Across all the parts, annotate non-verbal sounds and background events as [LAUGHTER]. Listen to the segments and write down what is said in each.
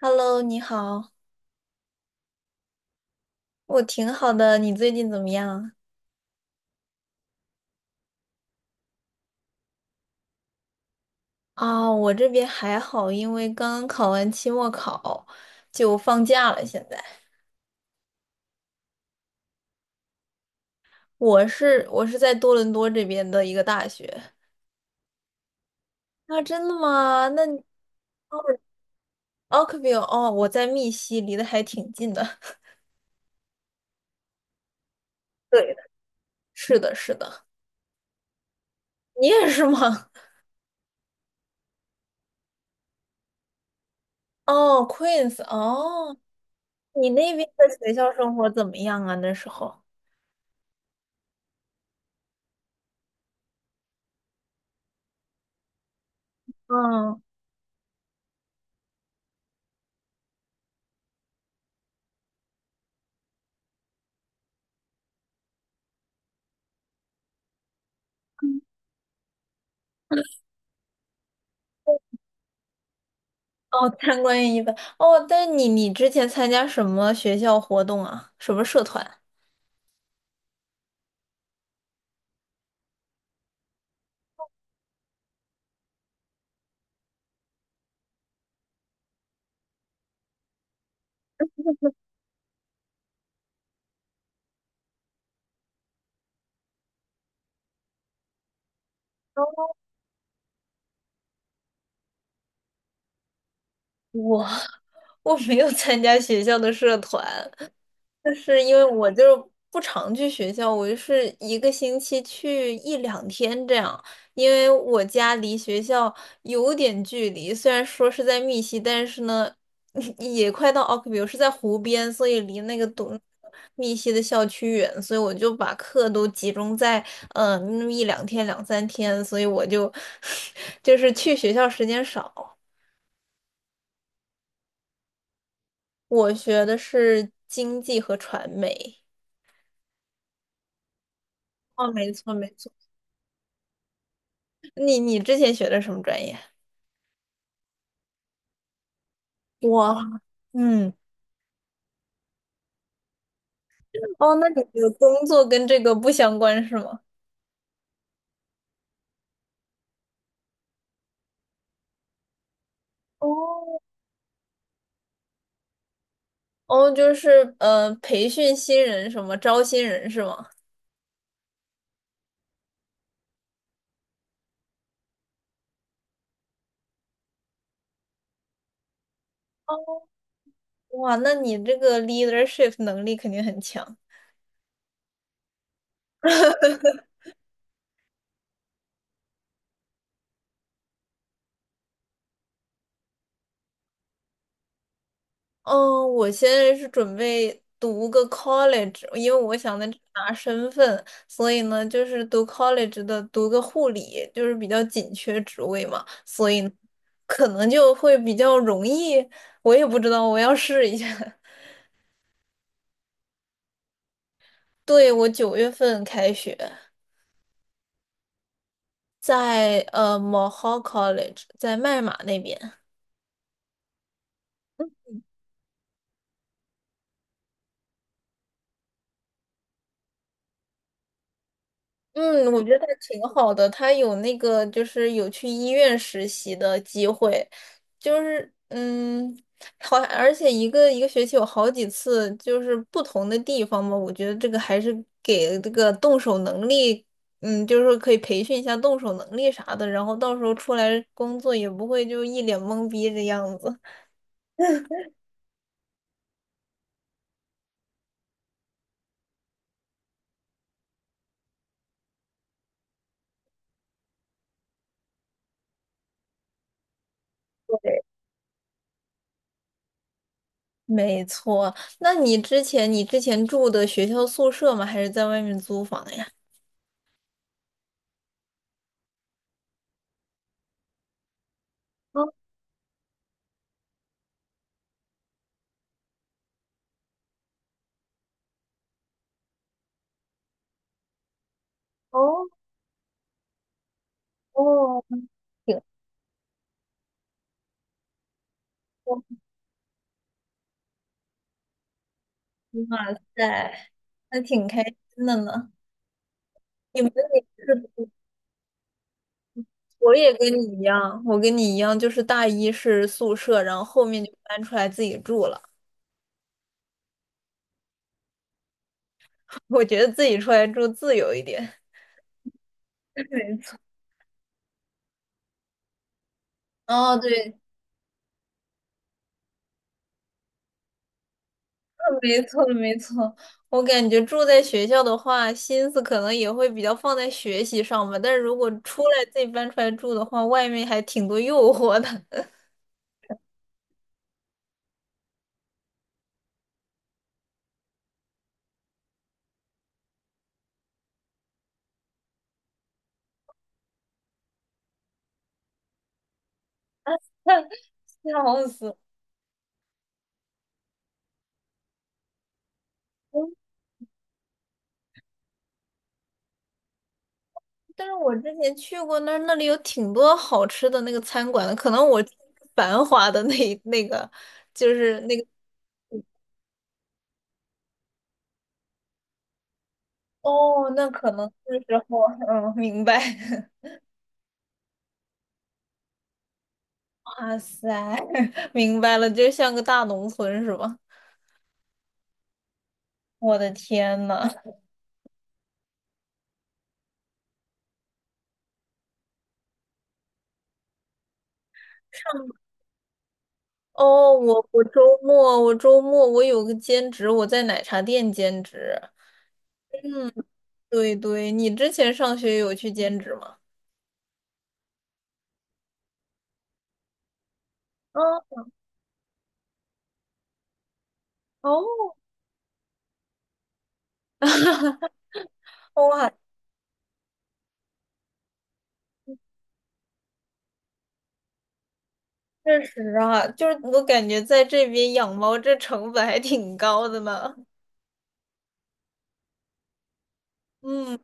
Hello，你好，我挺好的，你最近怎么样？啊，我这边还好，因为刚刚考完期末考，就放假了。现在我是在多伦多这边的一个大学。啊，真的吗？那你奥克比尔哦，我在密西，离得还挺近的。[LAUGHS] 对的，是的，是的，你也是吗？哦，Queens，哦，你那边的学校生活怎么样啊？那时候，嗯。哦，参观一般哦，但你之前参加什么学校活动啊？什么社团？我 [LAUGHS] 我没有参加学校的社团，就是因为我就是不常去学校，我就是一个星期去一两天这样，因为我家离学校有点距离，虽然说是在密西，但是呢，[LAUGHS] 也快到奥克比尔，我是在湖边，所以离那个东密西的校区远，所以我就把课都集中在那么一两天、两三天，所以我就 [LAUGHS] 就是去学校时间少。我学的是经济和传媒。哦，没错没错。你之前学的什么专业？哇，嗯，哦，那你的工作跟这个不相关是吗？哦哦，就是培训新人什么，招新人是吗？哦，哇，那你这个 leadership 能力肯定很强。嗯，我现在是准备读个 college,因为我想的拿身份，所以呢，就是读 college 的读个护理，就是比较紧缺职位嘛，所以呢可能就会比较容易。我也不知道，我要试一下。[LAUGHS] 对，我9月份开学，在Mohawk College,在麦马那边。嗯，我觉得他挺好的，他有那个就是有去医院实习的机会，就是好，而且一个学期有好几次，就是不同的地方嘛，我觉得这个还是给这个动手能力，就是说可以培训一下动手能力啥的，然后到时候出来工作也不会就一脸懵逼的样子。[LAUGHS] 没错，那你之前住的学校宿舍吗？还是在外面租房呀？哦哦，哦，哇塞，还挺开心的呢。你们也是，我跟你一样就是大一是宿舍，然后后面就搬出来自己住了。[LAUGHS] 我觉得自己出来住自由一点。[LAUGHS] 没错，哦，对，[LAUGHS] 没错没错。我感觉住在学校的话，心思可能也会比较放在学习上吧。但是如果出来自己搬出来住的话，外面还挺多诱惑的，[LAUGHS] 笑死。但是我之前去过那儿，那里有挺多好吃的那个餐馆的，可能我去繁华的[LAUGHS] 那个哦，那可能是时候，嗯，明白。[LAUGHS] 哇塞，[LAUGHS] 明白了，就像个大农村是吧？我的天呐！哦，我周末有个兼职，我在奶茶店兼职。对对，你之前上学有去兼职吗？啊，哦，哇确实啊，就是我感觉在这边养猫这成本还挺高的呢。嗯，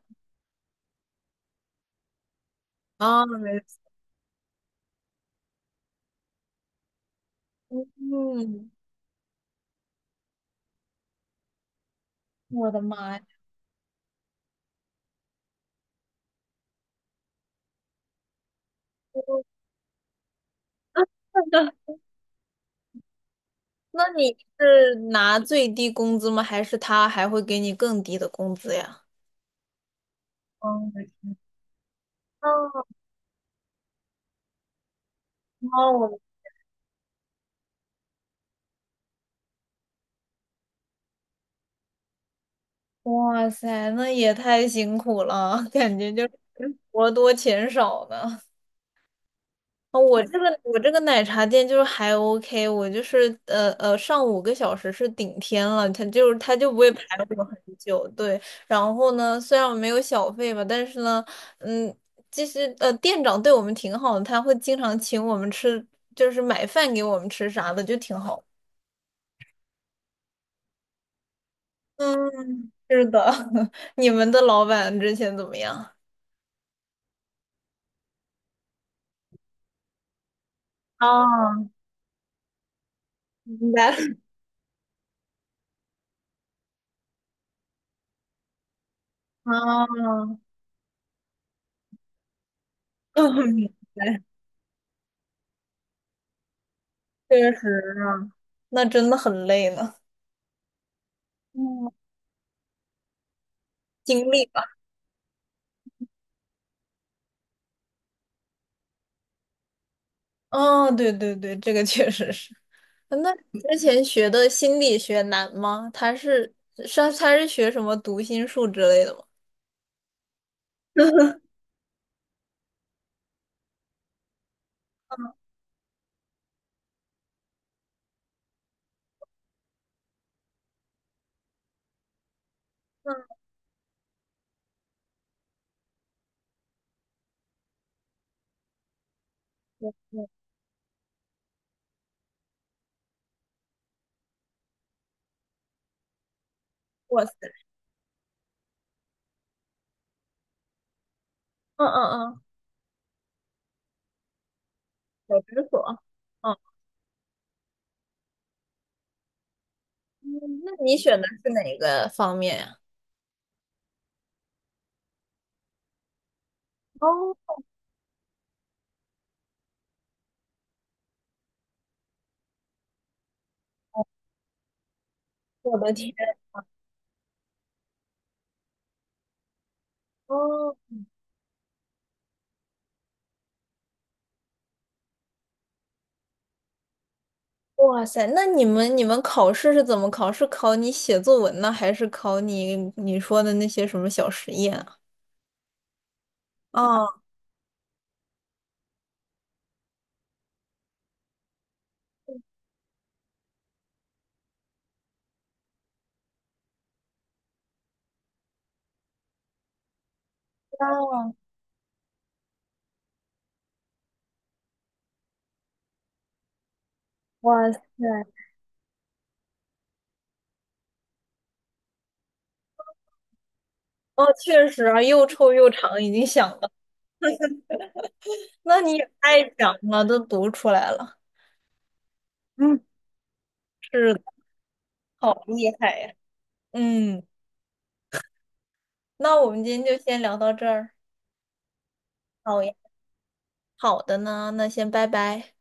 啊，没错，嗯，我的妈呀！[LAUGHS] 那那你是拿最低工资吗？还是他还会给你更低的工资呀？嗯，哦，哦，哇塞，那也太辛苦了，感觉就是活多钱少呢。哦我这个奶茶店就是还 OK,我就是上5个小时是顶天了，他就不会排我很久，对。然后呢，虽然我没有小费吧，但是呢，嗯，其实店长对我们挺好的，他会经常请我们吃，就是买饭给我们吃啥的，就挺好。嗯，是的，[LAUGHS] 你们的老板之前怎么样？啊，明白了。嗯，[LAUGHS] 明白，确实啊，那真的很累呢。嗯，经历吧。哦，对对对，这个确实是。那你之前学的心理学难吗？他是是他是学什么读心术之类的吗？嗯，我哇塞，嗯嗯嗯，小诊所。嗯，嗯那你选的是哪个方面呀？哦我的天，哦，哇塞！那你们考试是怎么考？是考你写作文呢，还是考你说的那些什么小实验啊？哦，哦，哇塞！哦，确实啊，又臭又长，已经想了。那你也太强了，都读出来了。嗯，是的，好厉害呀。嗯，那我们今天就先聊到这儿。好呀，好的呢，那先拜拜。